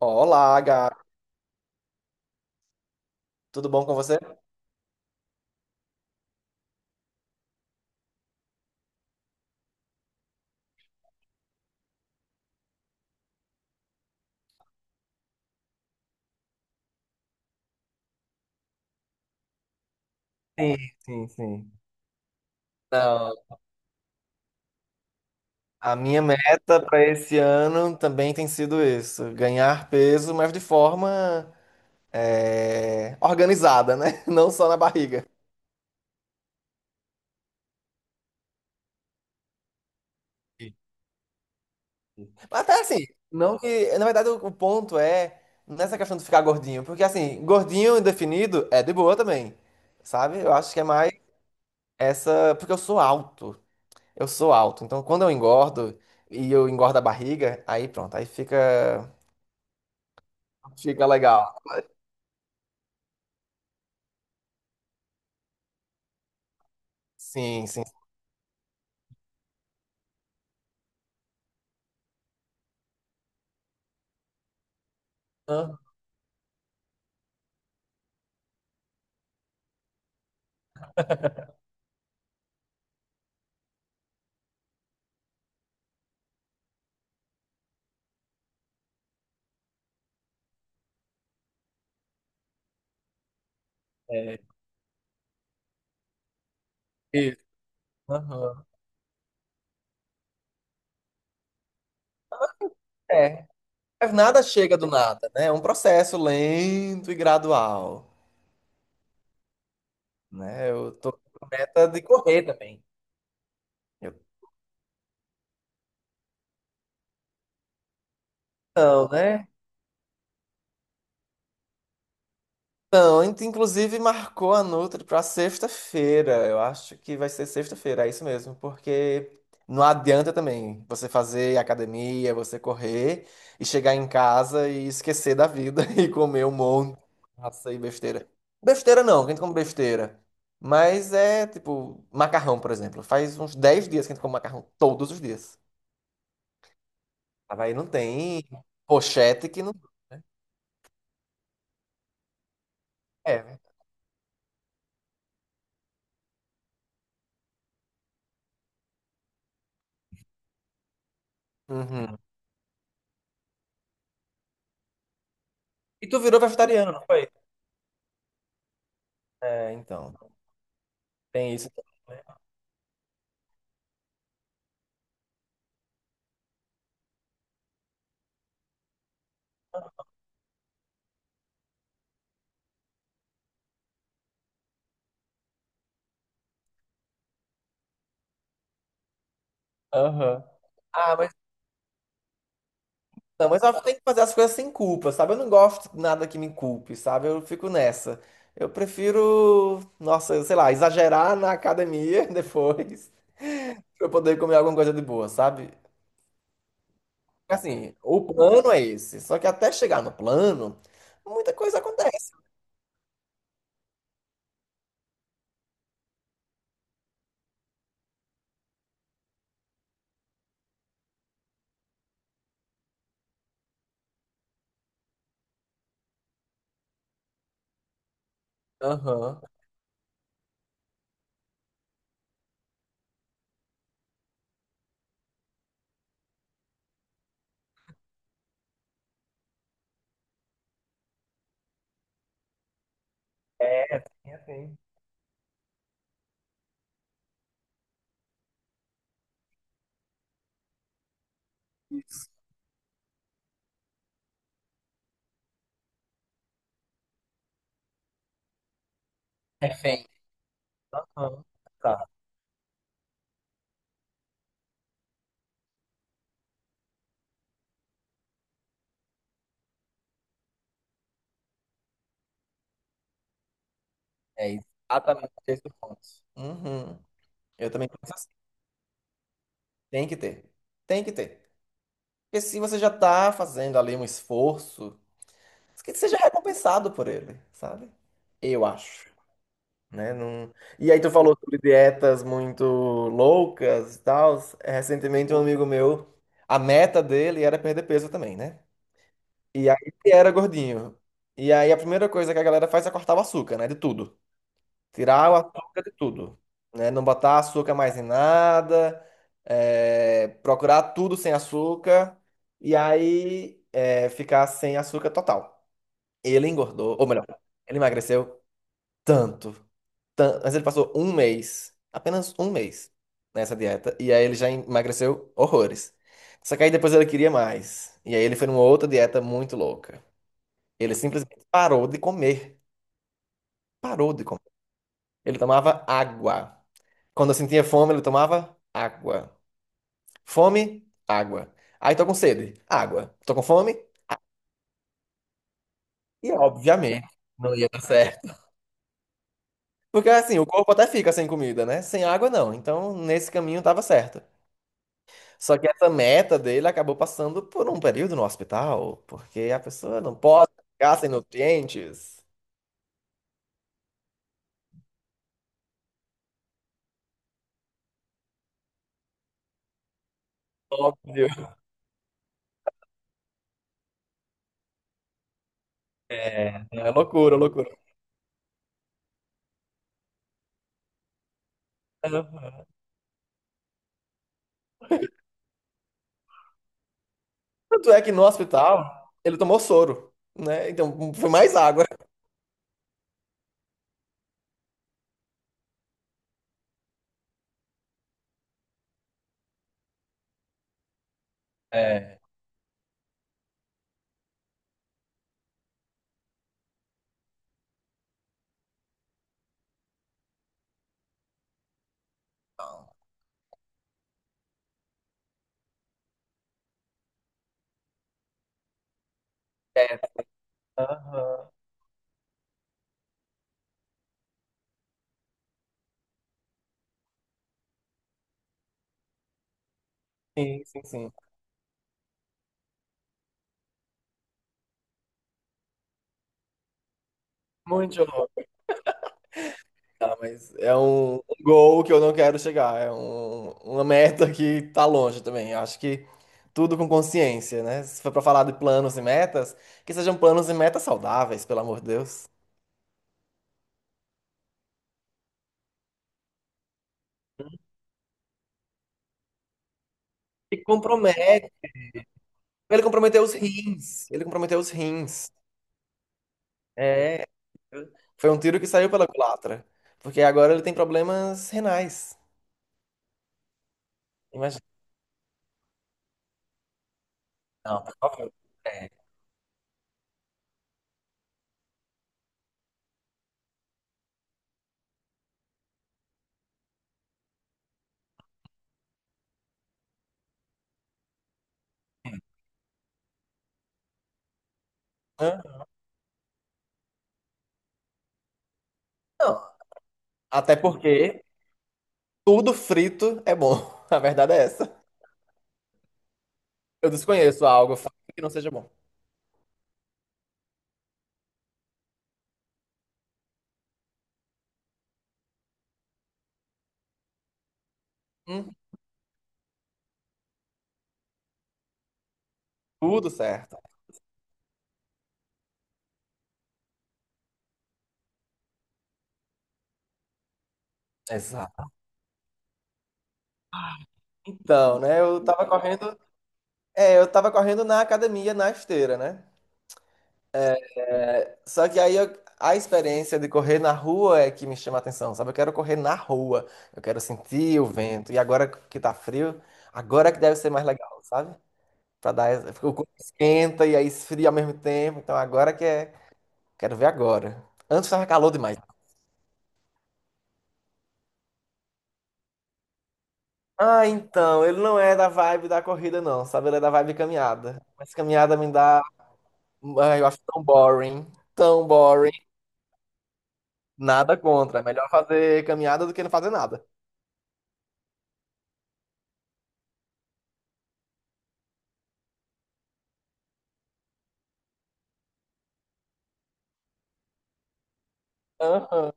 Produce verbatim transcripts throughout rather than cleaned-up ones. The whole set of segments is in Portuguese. Olá, gato. Tudo bom com você? Sim, sim, sim. Não. A minha meta para esse ano também tem sido isso, ganhar peso, mas de forma é, organizada, né? Não só na barriga. Mas até assim, não que, na verdade, o o ponto é nessa questão de ficar gordinho, porque assim, gordinho e definido é de boa também, sabe? Eu acho que é mais essa, porque eu sou alto, eu sou alto, então quando eu engordo e eu engordo a barriga, aí pronto, aí fica fica legal. Sim, sim. Aham, é. Isso. Aham. É. Mas nada chega do nada, né? É um processo lento e gradual, né? Eu tô com meta de correr também. Eu não, né? Não, in- inclusive marcou a Nutri para sexta-feira. Eu acho que vai ser sexta-feira, é isso mesmo, porque não adianta também você fazer academia, você correr e chegar em casa e esquecer da vida e comer um monte de massa e besteira. Besteira não, que a gente come besteira. Mas é tipo macarrão, por exemplo. Faz uns dez dias que a gente come macarrão todos os dias. Aí não tem pochete que não é. Né? Uhum. E tu virou vegetariano, não foi? É, então. Tem isso também, né? Aham. Ah, mas não, mas eu tenho que fazer as coisas sem culpa, sabe? Eu não gosto de nada que me culpe, sabe? Eu fico nessa. Eu prefiro, nossa, sei lá, exagerar na academia depois pra eu poder comer alguma coisa de boa, sabe? Assim, o plano é esse. Só que até chegar no plano, muita coisa acontece. Aham. É, sim, assim. Refém. Aham. Tá. É exatamente esse o ponto. Uhum. Eu também penso assim. Tem que ter. Tem que ter. Porque se você já tá fazendo ali um esforço, que seja recompensado por ele, sabe? Eu acho, né? Não... E aí tu falou sobre dietas muito loucas e tal. Recentemente um amigo meu, a meta dele era perder peso também, né? E aí ele era gordinho. E aí a primeira coisa que a galera faz é cortar o açúcar, né? De tudo. Tirar o açúcar de tudo, né? Não botar açúcar mais em nada, é, procurar tudo sem açúcar e aí é, ficar sem açúcar total. Ele engordou, ou melhor, ele emagreceu tanto, tanto, mas ele passou um mês, apenas um mês nessa dieta e aí ele já emagreceu horrores. Só que aí depois ele queria mais e aí ele foi numa outra dieta muito louca. Ele simplesmente parou de comer, parou de comer. Ele tomava água. Quando eu sentia fome, ele tomava água. Fome, água. Aí tô com sede, água. Tô com fome e, obviamente, não ia dar certo. Porque assim, o corpo até fica sem comida, né? Sem água não. Então, nesse caminho tava certo. Só que essa meta dele acabou passando por um período no hospital, porque a pessoa não pode ficar sem nutrientes. Óbvio. É, é loucura, loucura. Aham. Tanto é que no hospital ele tomou soro, né? Então foi mais água. É. É. Aham. Sim, sim, sim. Muito jovem, tá? Mas é um, um gol que eu não quero chegar. É um- uma meta que tá longe também. Eu acho que tudo com consciência, né? Se for pra falar de planos e metas, que sejam planos e metas saudáveis, pelo amor de Deus. E compromete. Ele comprometeu os rins. Ele comprometeu os rins. É. Foi um tiro que saiu pela culatra. Porque agora ele tem problemas renais. Imagina. Não, por favor. É. Hã? Não. Até porque tudo frito é bom. A verdade é essa. Eu desconheço algo frito que não seja bom. Hum, tudo certo. Exato. Então, né, eu tava correndo, é, eu tava correndo na academia, na esteira, né? Só que aí eu- a experiência de correr na rua é que me chama a atenção, sabe? Eu quero correr na rua, eu quero sentir o vento. E agora que tá frio, agora é que deve ser mais legal, sabe? Pra dar, essa- o corpo esquenta e aí esfria ao mesmo tempo. Então agora que é, quero ver agora. Antes tava calor demais. Ah, então, ele não é da vibe da corrida, não, sabe? Ele é da vibe caminhada. Mas caminhada me dá. Ai, eu acho tão boring. Tão boring. Nada contra. É melhor fazer caminhada do que não fazer nada. Aham.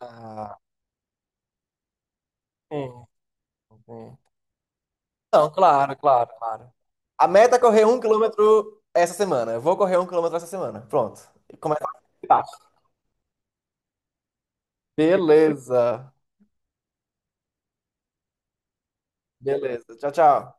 Ah, sim, sim. Não, claro, claro, claro. A meta é correr um quilômetro essa semana. Eu vou correr um quilômetro essa semana. Pronto. E começa a participar. Beleza. Beleza. Tchau, tchau.